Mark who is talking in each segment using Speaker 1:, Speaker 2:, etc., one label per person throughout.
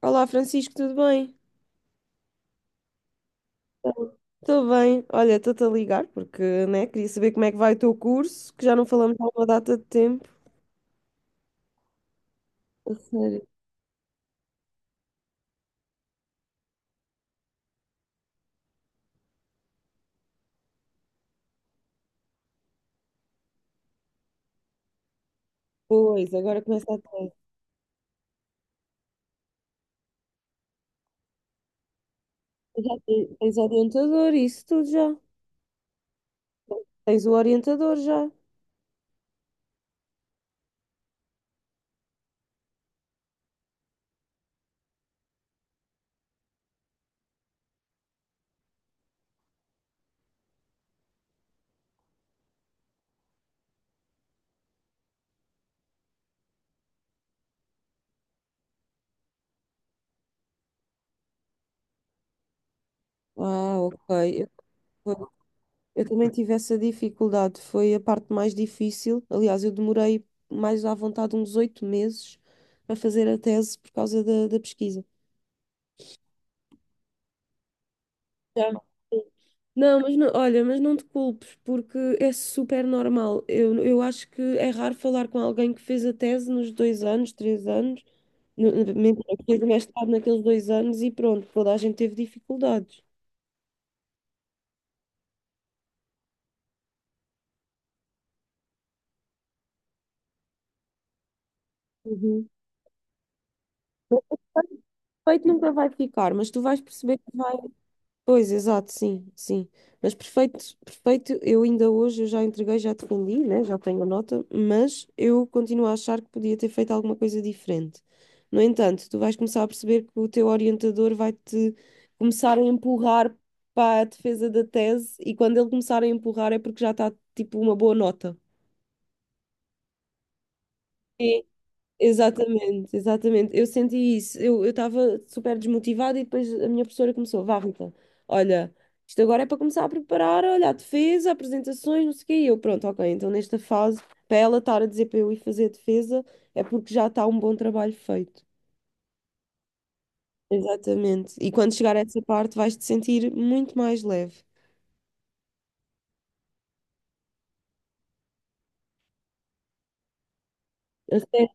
Speaker 1: Olá, Francisco, tudo bem? Estou bem. Olha, estou-te a ligar porque, né, queria saber como é que vai o teu curso, que já não falamos há uma data de tempo. A sério? Pois, agora começa a ter. Tu já tens orientador, isso tudo já. Tens o orientador já. Ah, ok. Eu, eu também tive essa dificuldade, foi a parte mais difícil. Aliás, eu demorei mais à vontade uns 8 meses a fazer a tese por causa da pesquisa. Já. Não, mas não, olha, mas não te culpes, porque é super normal. Eu acho que é raro falar com alguém que fez a tese nos 2 anos, 3 anos, mentira, que fez o mestrado naqueles 2 anos e pronto, toda a gente teve dificuldades. Uhum. Feito nunca vai ficar, mas tu vais perceber que vai. Pois, exato, sim, sim. Mas perfeito, perfeito, eu ainda hoje eu já entreguei, já defendi, né? Já tenho a nota, mas eu continuo a achar que podia ter feito alguma coisa diferente. No entanto, tu vais começar a perceber que o teu orientador vai-te começar a empurrar para a defesa da tese e quando ele começar a empurrar é porque já está tipo uma boa nota. É, exatamente, exatamente. Eu senti isso. Eu estava super desmotivada e depois a minha professora começou, vá, Rita, olha, isto agora é para começar a preparar, olha, a defesa, apresentações, não sei o quê. E eu, pronto, ok, então nesta fase, para ela estar a dizer para eu ir fazer a defesa, é porque já está um bom trabalho feito. Exatamente. E quando chegar a essa parte, vais te sentir muito mais leve. Até,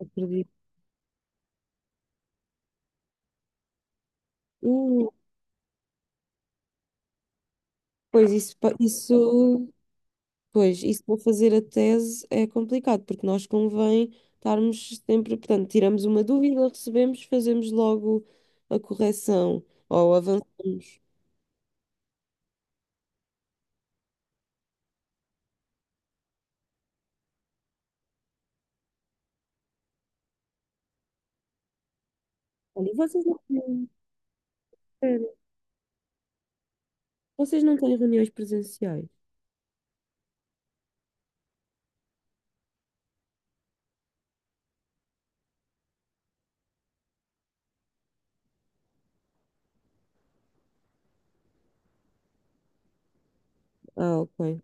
Speaker 1: acredito. Uh, Pois isso, isso. Pois, isso para fazer a tese é complicado, porque nós convém estarmos sempre, portanto, tiramos uma dúvida, recebemos, fazemos logo a correção ou avançamos. Olha, vocês não têm, espera, vocês não têm reuniões presenciais? Ah, ok.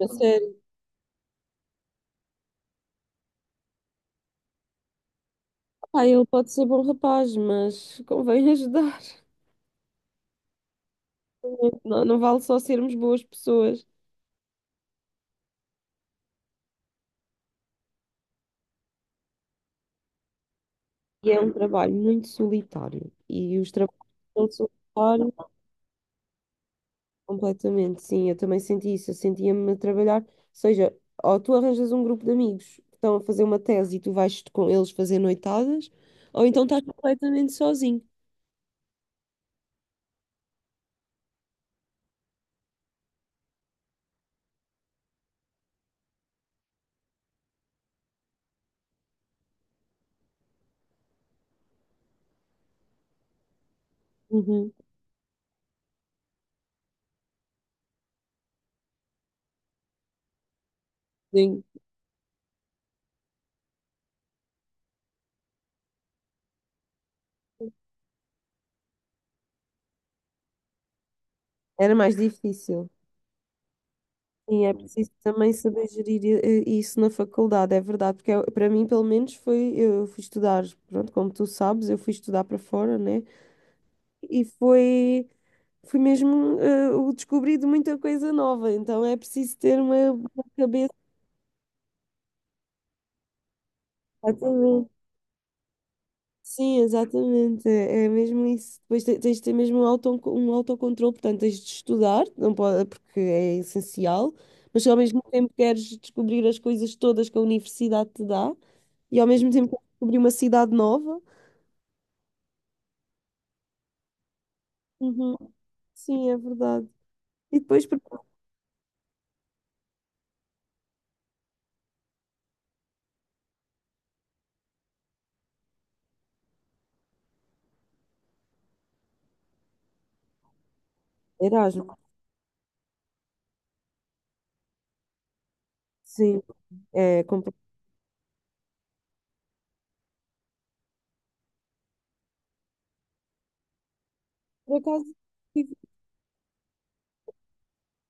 Speaker 1: A sério. Ah, ele pode ser bom rapaz, mas convém ajudar. Não, não vale só sermos boas pessoas. E é um trabalho muito solitário. E os trabalhos são solitários. Completamente, sim, eu também senti isso. Eu sentia-me a trabalhar, ou seja, ou tu arranjas um grupo de amigos que estão a fazer uma tese e tu vais com eles fazer noitadas, ou então estás completamente sozinho. Uhum, sim. Era mais difícil. Sim, é preciso também saber gerir isso na faculdade, é verdade, porque para mim, pelo menos, foi, eu fui estudar, pronto, como tu sabes, eu fui estudar para fora, né? E foi, foi mesmo o descobrir de muita coisa nova, então é preciso ter uma cabeça. Sim, exatamente. É mesmo isso. Depois tens de ter mesmo um auto, um autocontrole, portanto, tens de estudar, não pode, porque é essencial, mas se ao mesmo tempo queres descobrir as coisas todas que a universidade te dá e ao mesmo tempo queres descobrir uma cidade nova. Uhum. Sim, é verdade. E depois, porque Erasmus, sim, é complicado. Por acaso,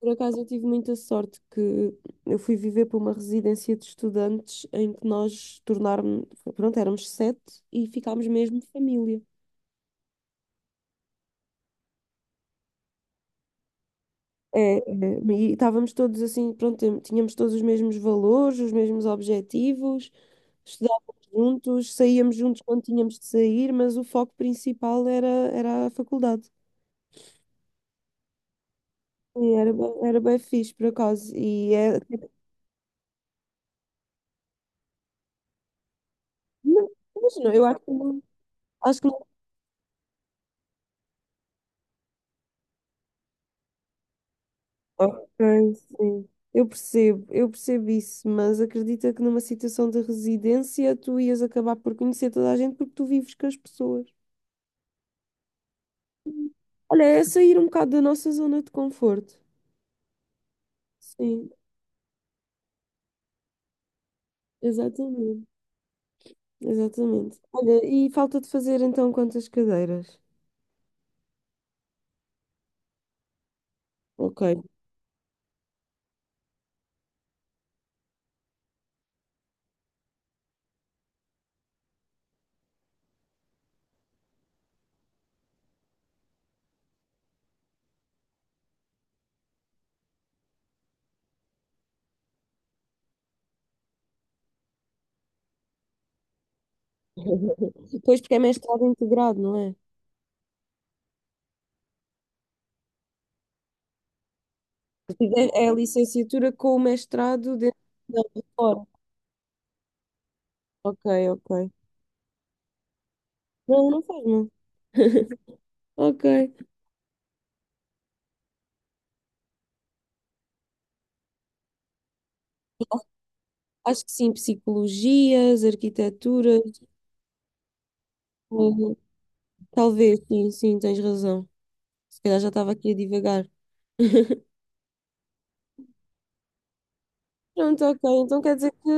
Speaker 1: Por acaso, eu tive muita sorte que eu fui viver para uma residência de estudantes em que nós tornámos, pronto, éramos sete e ficámos mesmo família. É, é, e estávamos todos assim, pronto, tínhamos todos os mesmos valores, os mesmos objetivos, estudávamos juntos, saíamos juntos quando tínhamos de sair, mas o foco principal era a faculdade. E era bem fixe, por acaso. E é, não, mas não, eu acho que não. acho que Ok, sim. Eu percebo isso, mas acredita que numa situação de residência tu ias acabar por conhecer toda a gente porque tu vives com as pessoas. Olha, é sair um bocado da nossa zona de conforto. Sim, exatamente, exatamente. Olha, e falta de fazer então quantas cadeiras? Ok. Pois porque é mestrado integrado, não é? É a licenciatura com o mestrado dentro da fora. Ok, ok. Não, não faz mal. Ok. Acho que sim, psicologias, arquitetura, hum, talvez, sim, sim, tens razão. Se calhar já estava aqui a divagar. Pronto, ok, então quer dizer que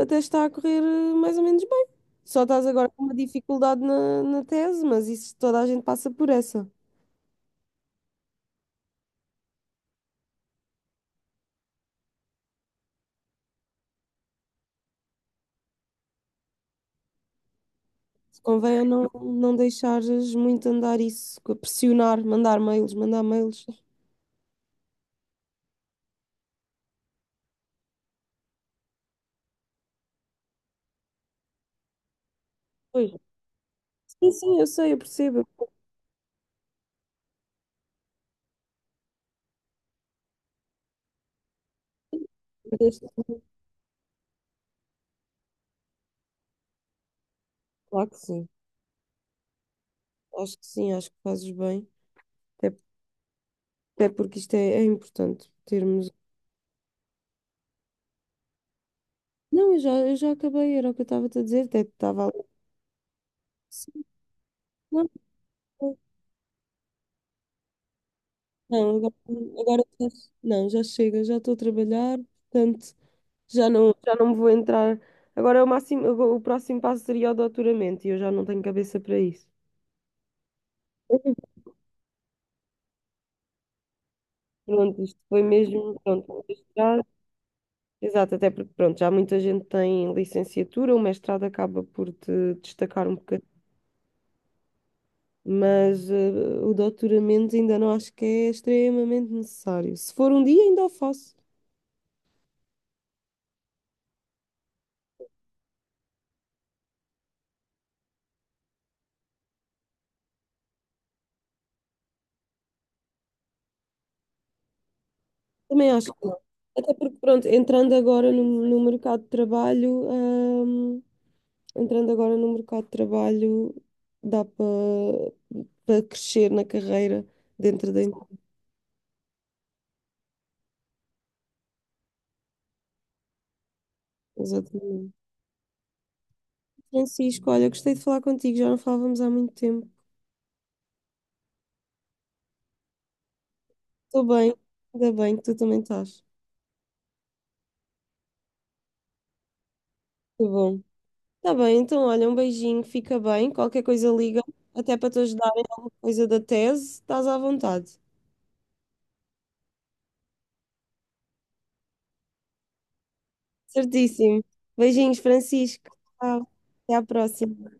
Speaker 1: até está a correr mais ou menos bem. Só estás agora com uma dificuldade na tese, mas isso toda a gente passa por essa. Se convém é não deixares muito andar isso, pressionar, mandar mails, mandar mails. Pois. Sim, sim, eu sei, eu percebo. Claro que sim, acho que sim, acho que fazes bem. Até Até porque isto é importante termos. Não, eu já acabei, era o que eu estava-te a dizer, até estava ali. Sim, não, não, não, agora não, já chega, já estou a trabalhar, portanto, já não me vou entrar. Agora é o máximo, agora o próximo passo seria o doutoramento e eu já não tenho cabeça para isso. Pronto, isto foi mesmo, pronto, um mestrado. Exato, até porque, pronto, já muita gente tem licenciatura, o mestrado acaba por te destacar um bocadinho. Mas o doutoramento ainda não acho que é extremamente necessário. Se for um dia, ainda o faço. Também acho que não. Até porque, pronto, entrando agora no mercado de trabalho, hum, entrando agora no mercado de trabalho, dá para crescer na carreira dentro da empresa. Exatamente. Francisco, olha, gostei de falar contigo, já não falávamos há muito tempo. Estou bem, ainda bem que tu também estás. Muito bom. Tá bem, então olha, um beijinho, fica bem. Qualquer coisa liga, até para te ajudar em alguma coisa da tese, estás à vontade. Certíssimo. Beijinhos, Francisco. Tchau. Até à próxima.